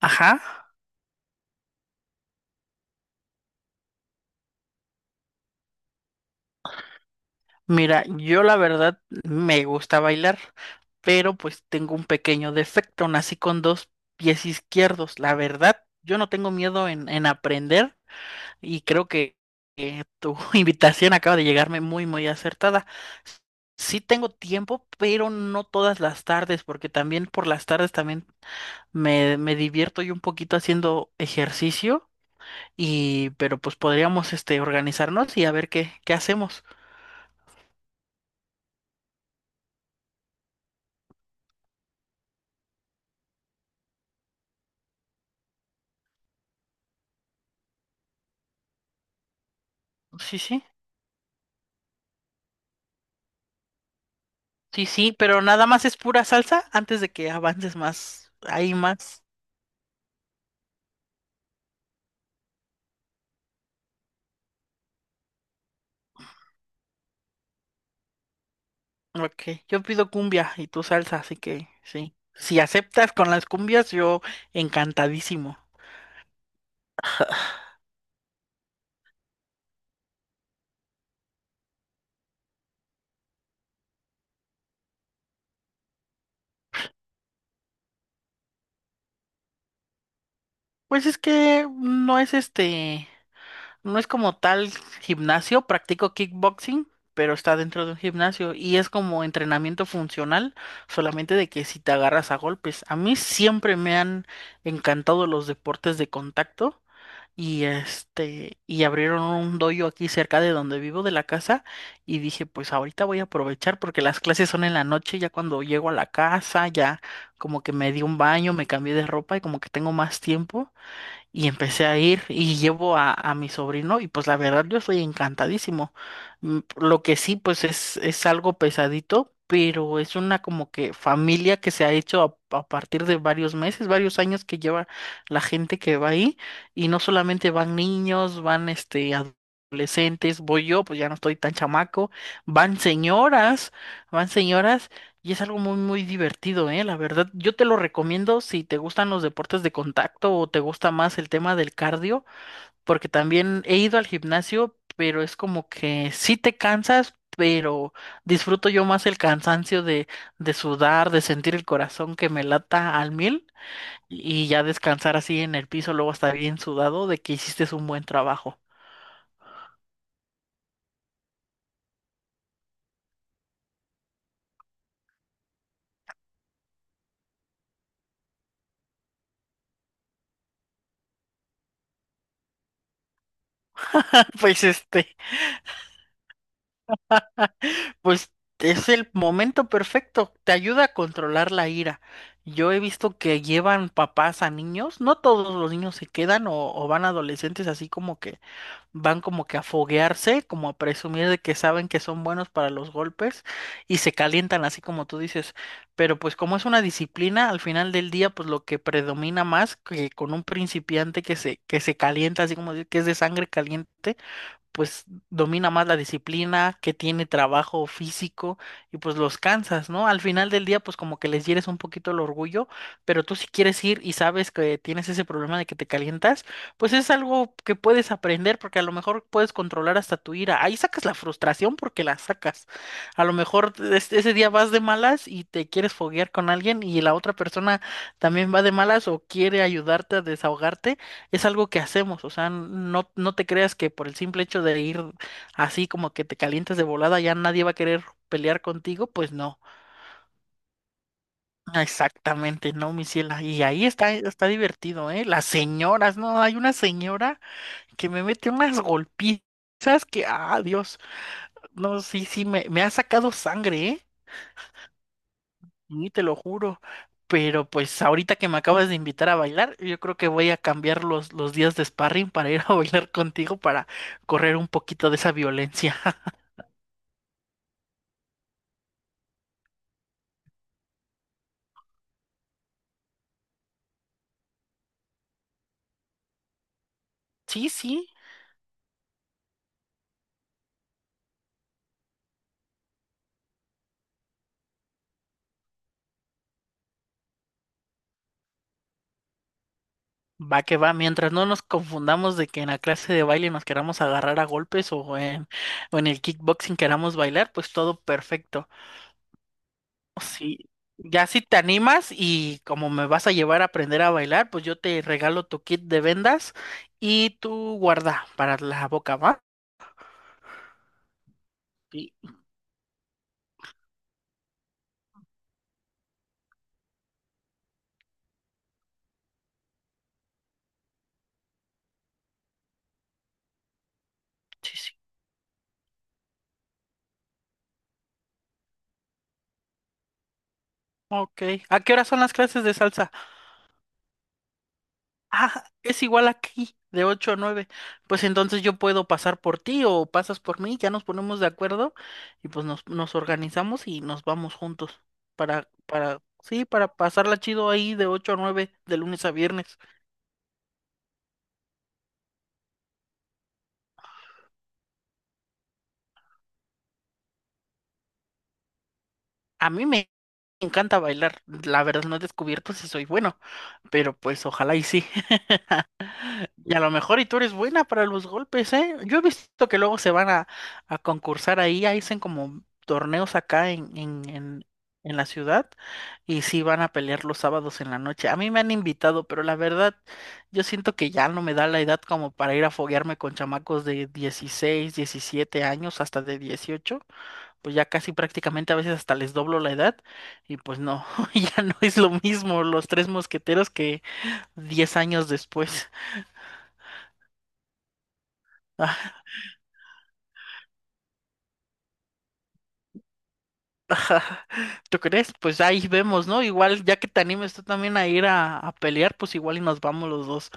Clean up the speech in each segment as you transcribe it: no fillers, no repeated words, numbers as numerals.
Ajá, mira, yo la verdad me gusta bailar, pero pues tengo un pequeño defecto, nací con dos pies izquierdos. La verdad, yo no tengo miedo en aprender y creo que tu invitación acaba de llegarme muy, muy acertada. Sí tengo tiempo, pero no todas las tardes, porque también por las tardes también me divierto yo un poquito haciendo ejercicio pero pues podríamos organizarnos y a ver qué hacemos. Sí, sí. Sí, sí, pero nada más es pura salsa antes de que avances más. Hay más. Ok, yo pido cumbia y tú salsa, así que sí. Si aceptas con las cumbias, yo encantadísimo. Pues es que no es no es como tal gimnasio, practico kickboxing, pero está dentro de un gimnasio y es como entrenamiento funcional, solamente de que si te agarras a golpes. A mí siempre me han encantado los deportes de contacto. Y y abrieron un dojo aquí cerca de donde vivo de la casa y dije, pues ahorita voy a aprovechar porque las clases son en la noche, ya cuando llego a la casa, ya como que me di un baño, me cambié de ropa y como que tengo más tiempo y empecé a ir y llevo a mi sobrino y pues la verdad yo estoy encantadísimo. Lo que sí pues es algo pesadito, pero es una como que familia que se ha hecho a partir de varios meses, varios años que lleva la gente que va ahí y no solamente van niños, van adolescentes, voy yo, pues ya no estoy tan chamaco, van señoras, van señoras y es algo muy, muy divertido, ¿eh? La verdad, yo te lo recomiendo si te gustan los deportes de contacto o te gusta más el tema del cardio, porque también he ido al gimnasio, pero es como que sí te cansas, pero disfruto yo más el cansancio de sudar, de sentir el corazón que me lata al mil y ya descansar así en el piso, luego estar bien sudado de que hiciste un buen trabajo. Pues Pues es el momento perfecto, te ayuda a controlar la ira. Yo he visto que llevan papás a niños, no todos los niños se quedan o van adolescentes así como que van como que a foguearse, como a presumir de que saben que son buenos para los golpes y se calientan así como tú dices. Pero pues como es una disciplina, al final del día pues lo que predomina más que con un principiante que se calienta así que es de sangre caliente pues domina más la disciplina, que tiene trabajo físico y pues los cansas, ¿no? Al final del día pues como que les hieres un poquito el orgullo, pero tú si quieres ir y sabes que tienes ese problema de que te calientas, pues es algo que puedes aprender porque a lo mejor puedes controlar hasta tu ira. Ahí sacas la frustración porque la sacas. A lo mejor ese día vas de malas y te quieres foguear con alguien y la otra persona también va de malas o quiere ayudarte a desahogarte, es algo que hacemos, o sea, no, no te creas que por el simple hecho de ir así como que te calientes de volada ya nadie va a querer pelear contigo, pues no, exactamente, no, mi ciela, y ahí está, está divertido, ¿eh? Las señoras, no, hay una señora que me mete unas golpizas que, ah, Dios, no, sí, sí, me ha sacado sangre, ¿eh? Y te lo juro. Pero pues ahorita que me acabas de invitar a bailar, yo creo que voy a cambiar los días de sparring para ir a bailar contigo para correr un poquito de esa violencia. Sí, sí, va que va. Mientras no nos confundamos de que en la clase de baile nos queramos agarrar a golpes o en el kickboxing queramos bailar, pues todo perfecto. Sí, ya si te animas y como me vas a llevar a aprender a bailar, pues yo te regalo tu kit de vendas y tu guarda para la boca, ¿va? Sí. Sí, sí. Ok. ¿A qué hora son las clases de salsa? Ah, es igual aquí, de 8 a 9. Pues entonces yo puedo pasar por ti o pasas por mí, ya nos ponemos de acuerdo y pues nos organizamos y nos vamos juntos sí, para pasarla chido ahí de 8 a 9, de lunes a viernes. A mí me encanta bailar, la verdad no he descubierto si soy bueno, pero pues ojalá y sí. Y a lo mejor y tú eres buena para los golpes, ¿eh? Yo he visto que luego se van a concursar ahí, ahí hacen como torneos acá en la ciudad y sí van a pelear los sábados en la noche. A mí me han invitado, pero la verdad, yo siento que ya no me da la edad como para ir a foguearme con chamacos de 16 17 años, hasta de 18 pues ya casi prácticamente a veces hasta les doblo la edad y pues no, ya no es lo mismo los tres mosqueteros que 10 años después. ¿Tú crees? Pues ahí vemos, ¿no? Igual, ya que te animes tú también a ir a pelear, pues igual y nos vamos los dos.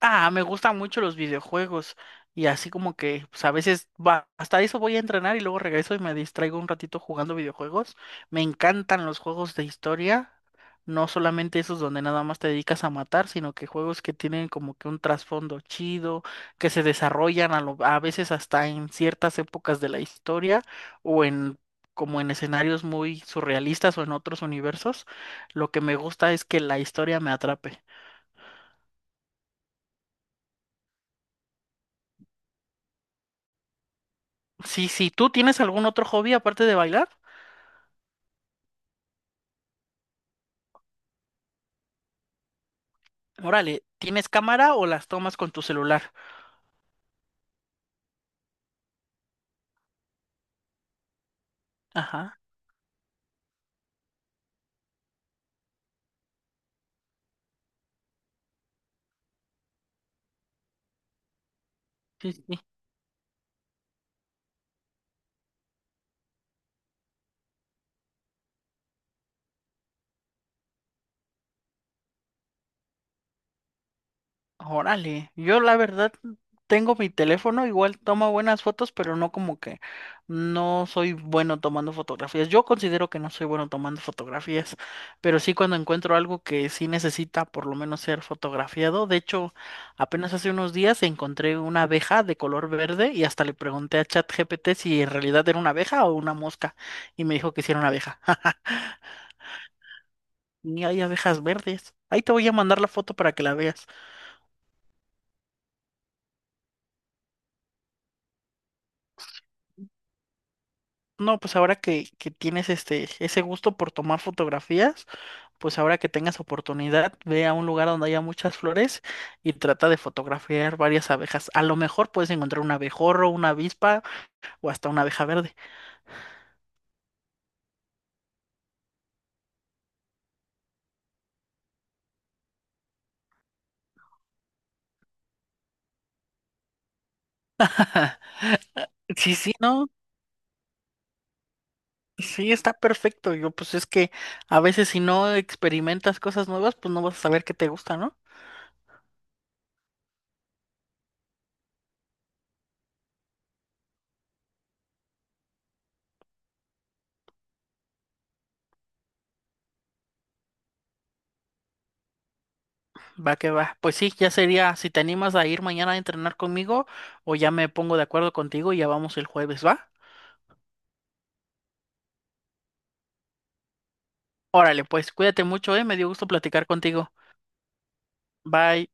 Ah, me gustan mucho los videojuegos y así como que pues a veces va, hasta eso voy a entrenar y luego regreso y me distraigo un ratito jugando videojuegos. Me encantan los juegos de historia, no solamente esos donde nada más te dedicas a matar, sino que juegos que tienen como que un trasfondo chido, que se desarrollan a veces hasta en ciertas épocas de la historia o en como en escenarios muy surrealistas o en otros universos. Lo que me gusta es que la historia me atrape. Sí, sí, ¿tú tienes algún otro hobby aparte de bailar? Órale, ¿tienes cámara o las tomas con tu celular? Ajá. Sí, sí. Órale, yo la verdad tengo mi teléfono, igual toma buenas fotos, pero no como que no soy bueno tomando fotografías. Yo considero que no soy bueno tomando fotografías, pero sí cuando encuentro algo que sí necesita por lo menos ser fotografiado. De hecho, apenas hace unos días encontré una abeja de color verde y hasta le pregunté a ChatGPT si en realidad era una abeja o una mosca y me dijo que sí era una abeja. Ni hay abejas verdes. Ahí te voy a mandar la foto para que la veas. No, pues ahora que tienes ese gusto por tomar fotografías, pues ahora que tengas oportunidad, ve a un lugar donde haya muchas flores y trata de fotografiar varias abejas. A lo mejor puedes encontrar un abejorro, una avispa o hasta una abeja verde. Sí, sí, no, sí, está perfecto. Yo, pues es que a veces si no experimentas cosas nuevas, pues no vas a saber qué te gusta, ¿no? Va que va. Pues sí, ya sería, si te animas a ir mañana a entrenar conmigo o ya me pongo de acuerdo contigo y ya vamos el jueves, ¿va? Órale, pues cuídate mucho, eh. Me dio gusto platicar contigo. Bye.